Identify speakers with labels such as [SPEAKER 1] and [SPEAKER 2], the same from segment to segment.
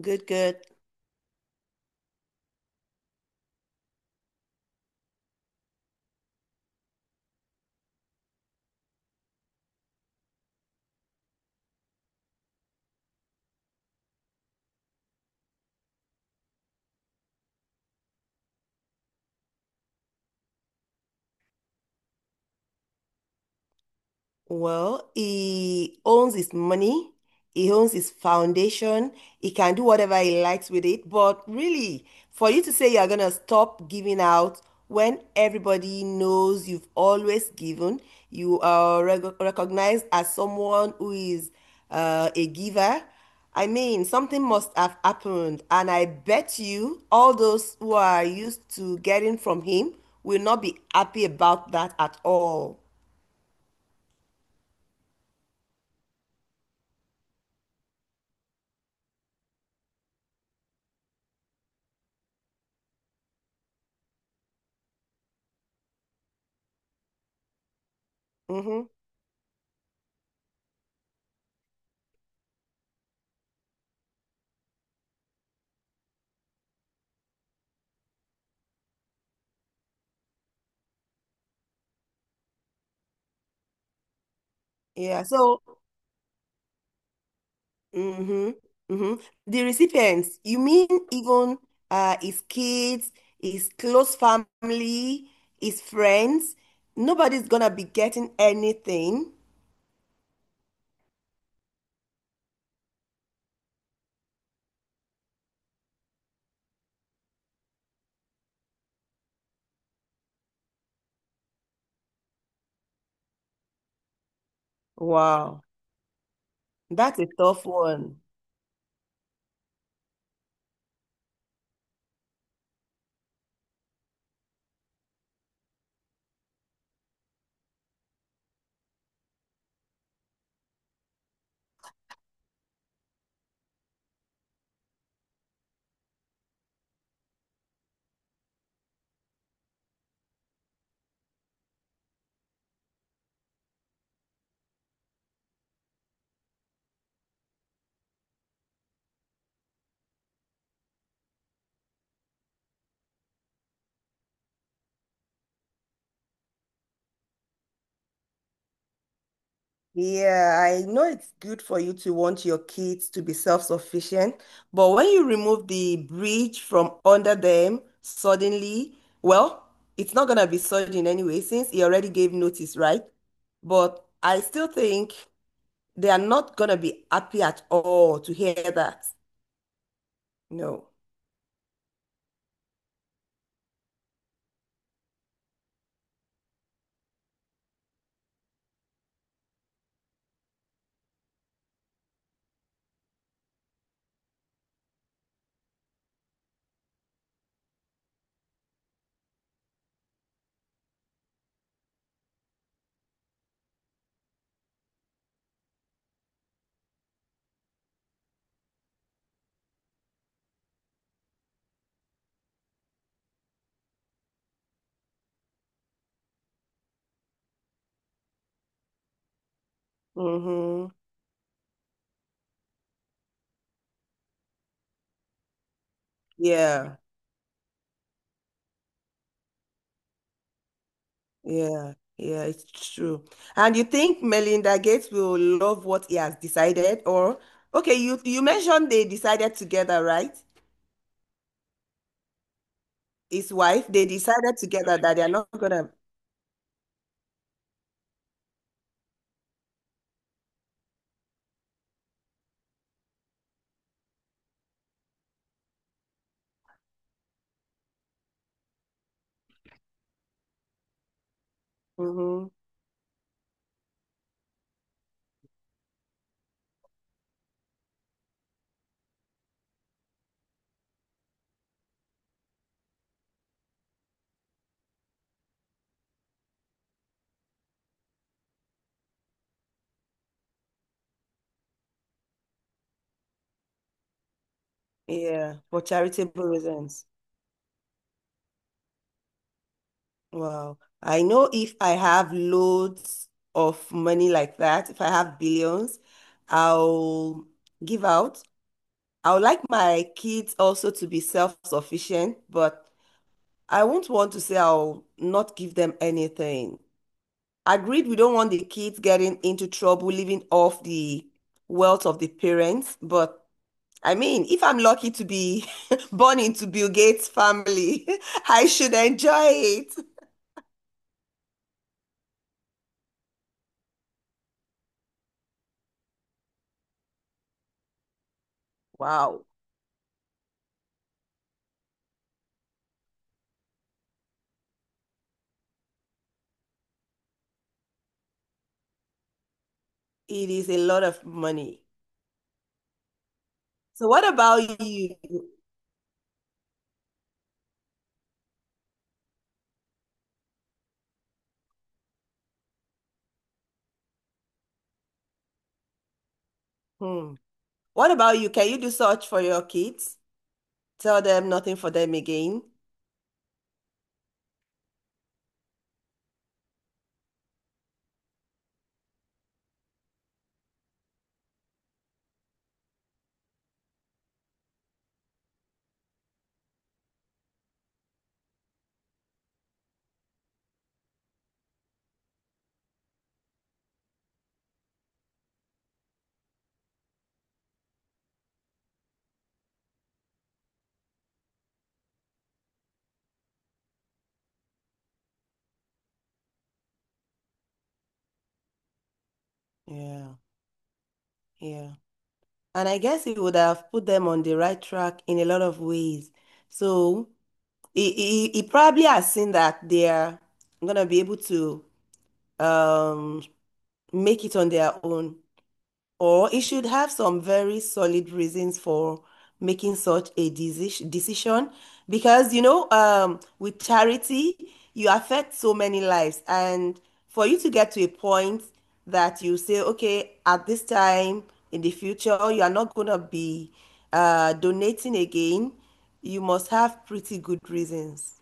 [SPEAKER 1] Good, good. Well, he owns his money, he owns his foundation, he can do whatever he likes with it. But really, for you to say you're gonna stop giving out when everybody knows you've always given, you are recognized as someone who is a giver. I mean, something must have happened, and I bet you all those who are used to getting from him will not be happy about that at all. Mhm. Yeah, so mm-hmm, mm-hmm. The recipients, you mean even his kids, his close family, his friends, nobody's gonna be getting anything. Wow, that's a tough one. Yeah, I know it's good for you to want your kids to be self-sufficient, but when you remove the bridge from under them suddenly, well, it's not gonna be sudden anyway, since he already gave notice, right? But I still think they are not gonna be happy at all to hear that. No. Mm-hmm. Yeah. Yeah, yeah, it's true. And you think Melinda Gates will love what he has decided, or okay, you mentioned they decided together, right? His wife, they decided together that they are not gonna. Hmm. Yeah, for charitable reasons. Wow. I know if I have loads of money like that, if I have billions, I'll give out. I would like my kids also to be self-sufficient, but I won't want to say I'll not give them anything. Agreed, we don't want the kids getting into trouble, living off the wealth of the parents. But I mean, if I'm lucky to be born into Bill Gates' family, I should enjoy it. Wow, it is a lot of money. So what about you? Hmm. What about you? Can you do such for your kids? Tell them nothing for them again. Yeah, yeah. And I guess he would have put them on the right track in a lot of ways. So he probably has seen that they're gonna be able to um, make it on their own. Or it should have some very solid reasons for making such a decision. Because, you know, with charity, you affect so many lives. And for you to get to a point that you say, okay, at this time in the future, you are not going to be donating again, you must have pretty good reasons.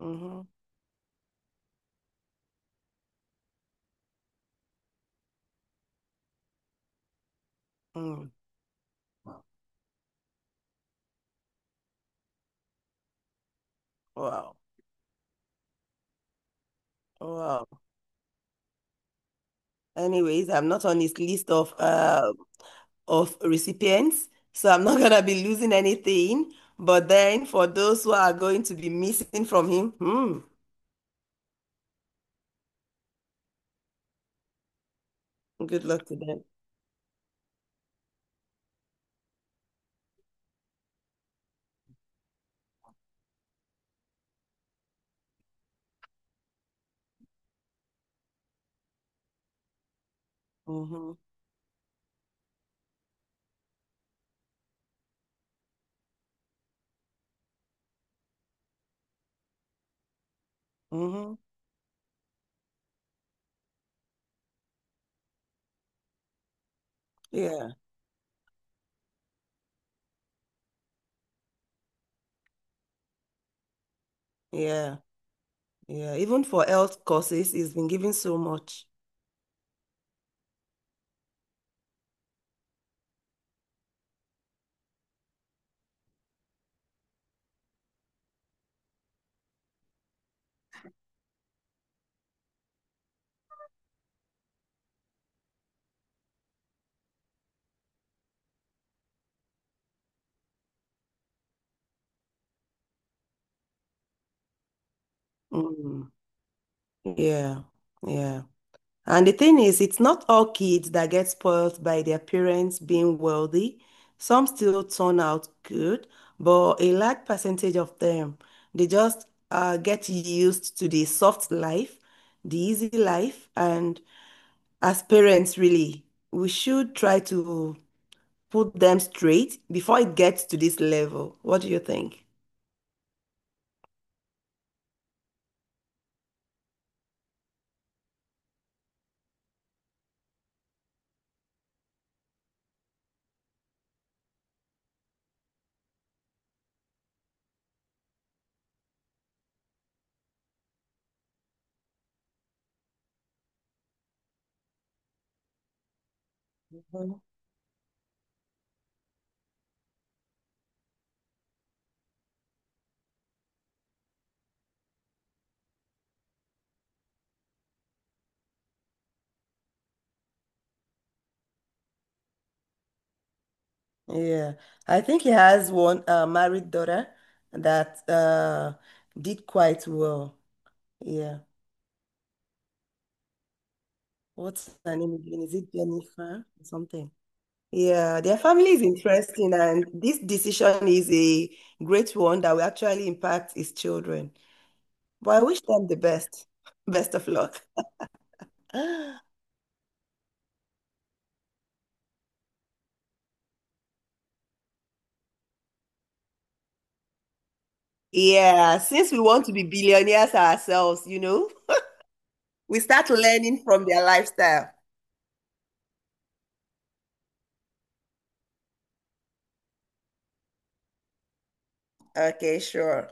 [SPEAKER 1] Hmm. Wow. Wow. Anyways, I'm not on his list of recipients, so I'm not gonna be losing anything. But then for those who are going to be missing from him, hmm, good luck to them. Hmm. Hmm. Yeah, yeah, yeah. Even for health courses, he's been giving so much. Mm. Yeah, yeah. And the thing is, it's not all kids that get spoiled by their parents being wealthy. Some still turn out good, but a large percentage of them, they just get used to the soft life, the easy life. And as parents, really, we should try to put them straight before it gets to this level. What do you think? Mhm. Yeah, I think he has one married daughter that did quite well. Yeah. What's her name again? Is it Jennifer or something? Yeah, their family is interesting, and this decision is a great one that will actually impact his children. But I wish them the best. Best of luck. Yeah, since we want to be billionaires ourselves, you know, we start learning from their lifestyle. Okay, sure.